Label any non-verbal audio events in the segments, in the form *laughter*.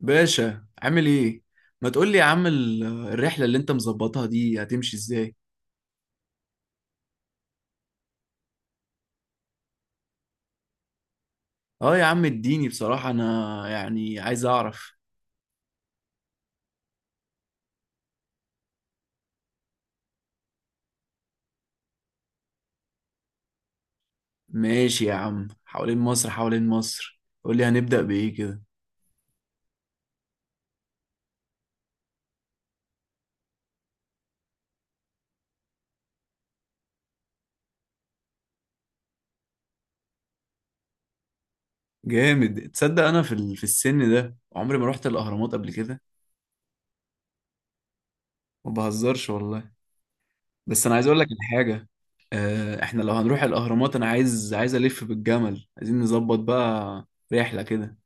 باشا عامل ايه؟ ما تقول لي يا عم، الرحله اللي انت مظبطها دي هتمشي ازاي؟ اه يا عم، اديني بصراحه، انا يعني عايز اعرف. ماشي يا عم، حوالين مصر حوالين مصر، قول لي هنبدا بايه كده. جامد، تصدق انا في السن ده عمري ما رحت الاهرامات قبل كده. ما بهزرش والله. بس انا عايز اقول لك الحاجه. احنا لو هنروح الاهرامات انا عايز الف بالجمل، عايزين نظبط بقى رحله كده.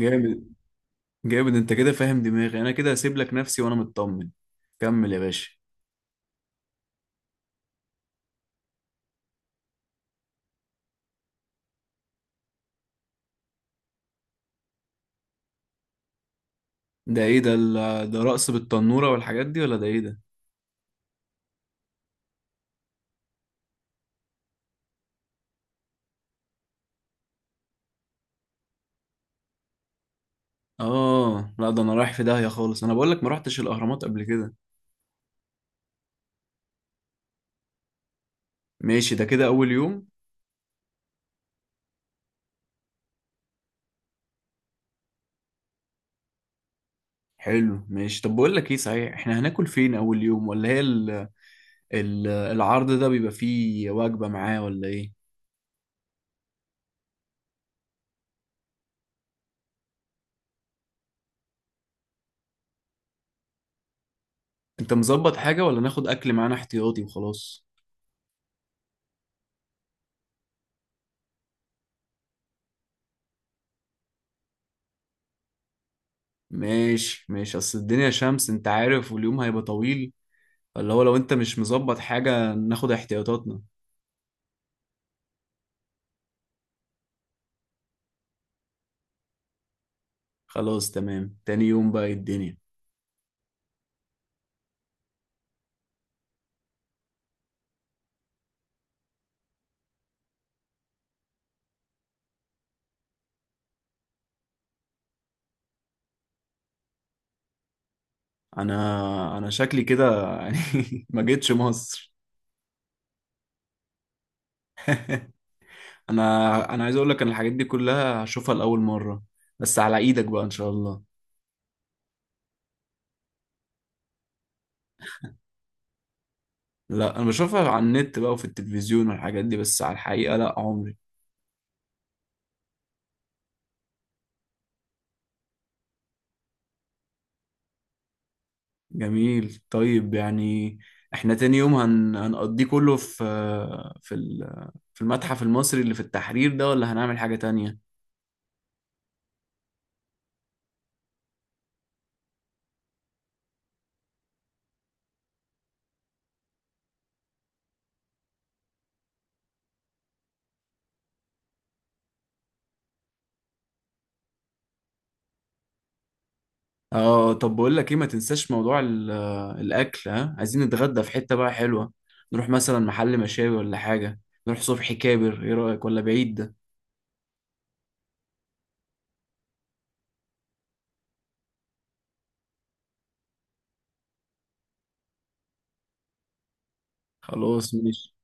جامد، جامد انت كده فاهم دماغي، انا كده هسيب لك نفسي وانا مطمن. كمل يا باشا. ده ايه ده، ده رقص بالتنورة والحاجات دي ولا ده ايه ده؟ اه لا، ده انا رايح في داهية خالص، انا بقول لك ما رحتش الاهرامات قبل كده. ماشي، ده كده اول يوم. حلو ماشي، طب بقول لك ايه صحيح، احنا هناكل فين اول يوم، ولا هي العرض ده بيبقى فيه وجبة معاه ولا ايه؟ انت مظبط حاجة ولا ناخد اكل معانا احتياطي وخلاص؟ ماشي ماشي، اصل الدنيا شمس انت عارف، واليوم هيبقى طويل، اللي هو لو انت مش مظبط حاجة ناخد احتياطاتنا. خلاص تمام، تاني يوم بقى إيه الدنيا؟ انا شكلي كده يعني *laughs* ما جيتش مصر. انا عايز اقول لك ان الحاجات دي كلها هشوفها لاول مرة، بس على ايدك بقى ان شاء الله. لا، انا بشوفها على النت بقى وفي التلفزيون والحاجات دي، بس على الحقيقة لا، عمري. جميل، طيب يعني احنا تاني يوم هنقضيه كله في في المتحف المصري اللي في التحرير ده، ولا هنعمل حاجة تانية؟ اه طب بقول لك ايه، ما تنساش موضوع الاكل، ها، عايزين نتغدى في حتة بقى حلوة، نروح مثلا محل مشاوي ولا حاجة، نروح صبحي كابر، ايه رأيك ولا بعيد ده؟ خلاص ماشي.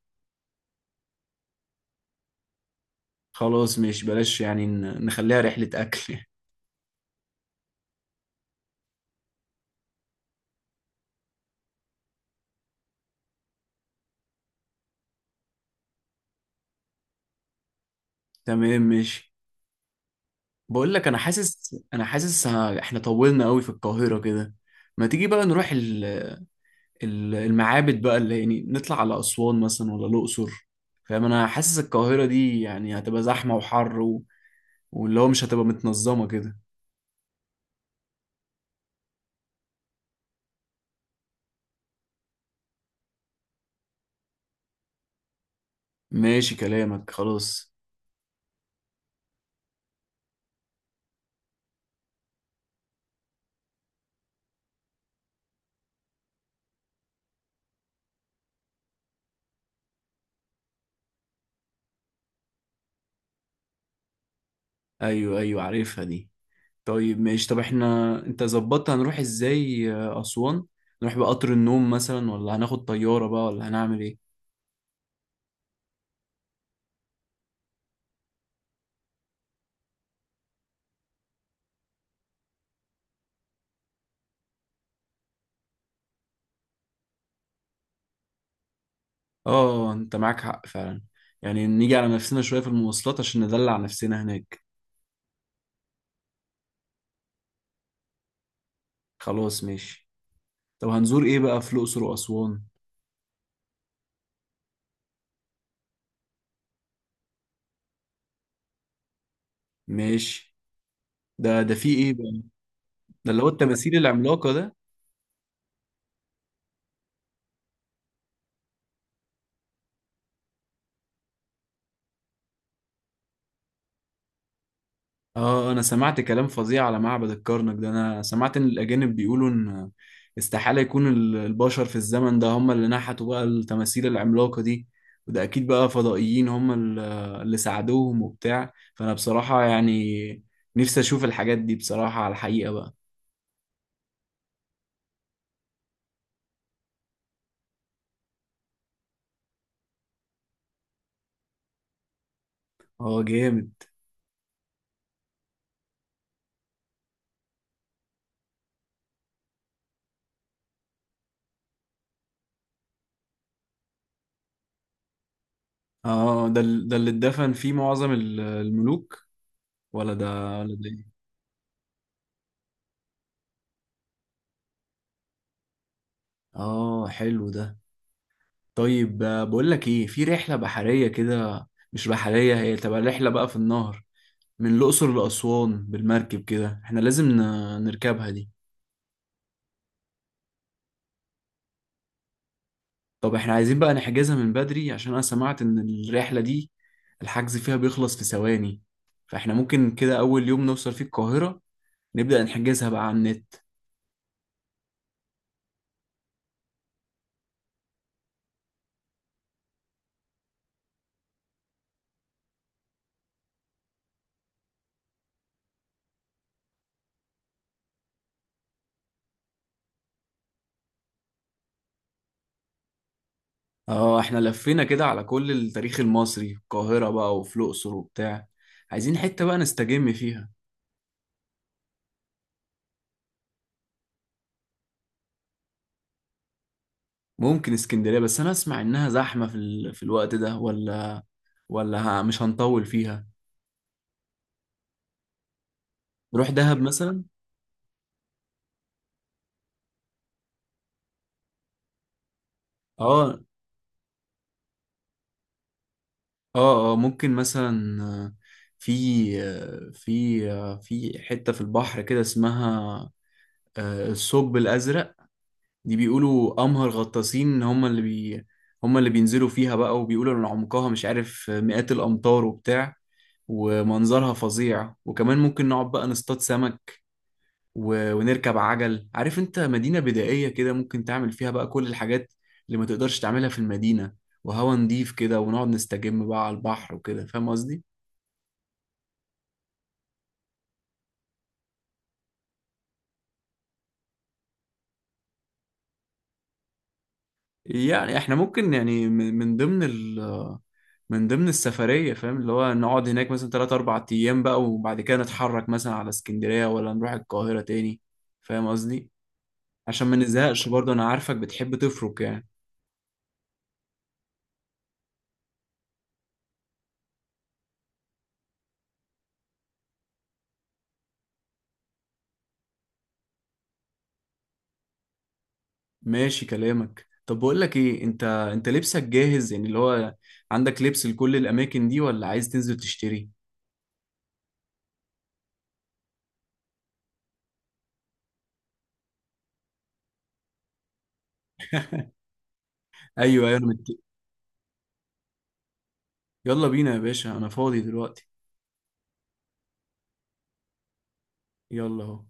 خلاص ماشي، بلاش يعني نخليها رحلة اكل. *laughs* تمام ماشي، بقول لك انا حاسس، احنا طولنا قوي في القاهرة كده. ما تيجي بقى نروح المعابد بقى، اللي يعني نطلع على اسوان مثلا ولا الاقصر؟ فاهم، انا حاسس القاهرة دي يعني هتبقى زحمة وحر، واللي هو مش هتبقى متنظمة كده. ماشي كلامك خلاص. ايوه ايوه، عارفها دي. طيب ماشي، طب احنا انت ظبطت هنروح ازاي اسوان، نروح بقطر النوم مثلا ولا هناخد طيارة بقى ولا هنعمل ايه؟ اه، انت معاك حق فعلا، يعني نيجي على نفسنا شوية في المواصلات عشان ندلع نفسنا هناك. خلاص ماشي. طب هنزور ايه بقى في الاقصر واسوان؟ ماشي، ده في ايه بقى؟ ده اللي هو التماثيل العملاقة ده. اه، انا سمعت كلام فظيع على معبد الكرنك ده، انا سمعت ان الاجانب بيقولوا ان استحالة يكون البشر في الزمن ده هم اللي نحتوا بقى التماثيل العملاقة دي، وده اكيد بقى فضائيين هم اللي ساعدوهم وبتاع، فانا بصراحة يعني نفسي اشوف الحاجات دي بصراحة على الحقيقة بقى. اه جامد. اه، ده اللي اتدفن فيه معظم الملوك، ولا ده، ولا ده إيه؟ اه حلو ده. طيب بقول لك ايه، في رحله بحريه كده، مش بحريه، هي تبقى رحله بقى في النهر، من الاقصر لاسوان بالمركب كده، احنا لازم نركبها دي. طب احنا عايزين بقى نحجزها من بدري، عشان انا سمعت ان الرحله دي الحجز فيها بيخلص في ثواني، فاحنا ممكن كده اول يوم نوصل فيه القاهره نبدا نحجزها بقى على النت. اه، احنا لفينا كده على كل التاريخ المصري في القاهره بقى وفي الاقصر وبتاع، عايزين حته بقى نستجم فيها. ممكن اسكندرية، بس أنا أسمع إنها زحمة في الوقت ده، ولا مش هنطول فيها. نروح دهب مثلا. اه اه اه، ممكن مثلا في في حتة في البحر كده، اسمها الثقب الأزرق، دي بيقولوا أمهر غطاسين هم اللي بينزلوا فيها بقى، وبيقولوا إن عمقها مش عارف مئات الأمتار وبتاع، ومنظرها فظيع، وكمان ممكن نقعد بقى نصطاد سمك، ونركب عجل، عارف انت، مدينة بدائية كده ممكن تعمل فيها بقى كل الحاجات اللي ما تقدرش تعملها في المدينة، وهوا نضيف كده، ونقعد نستجم بقى على البحر وكده، فاهم قصدي. يعني احنا ممكن يعني من ضمن من ضمن السفرية، فاهم، اللي هو نقعد هناك مثلا 3 4 أيام بقى، وبعد كده نتحرك مثلا على اسكندرية ولا نروح القاهرة تاني، فاهم قصدي، عشان ما نزهقش برضه، أنا عارفك بتحب تفرك يعني. ماشي كلامك، طب بقول لك ايه، انت لبسك جاهز يعني، اللي هو عندك لبس لكل الاماكن دي ولا عايز تنزل تشتري؟ ايوه ايوه، يلا بينا يا باشا، انا فاضي دلوقتي. يلا اهو.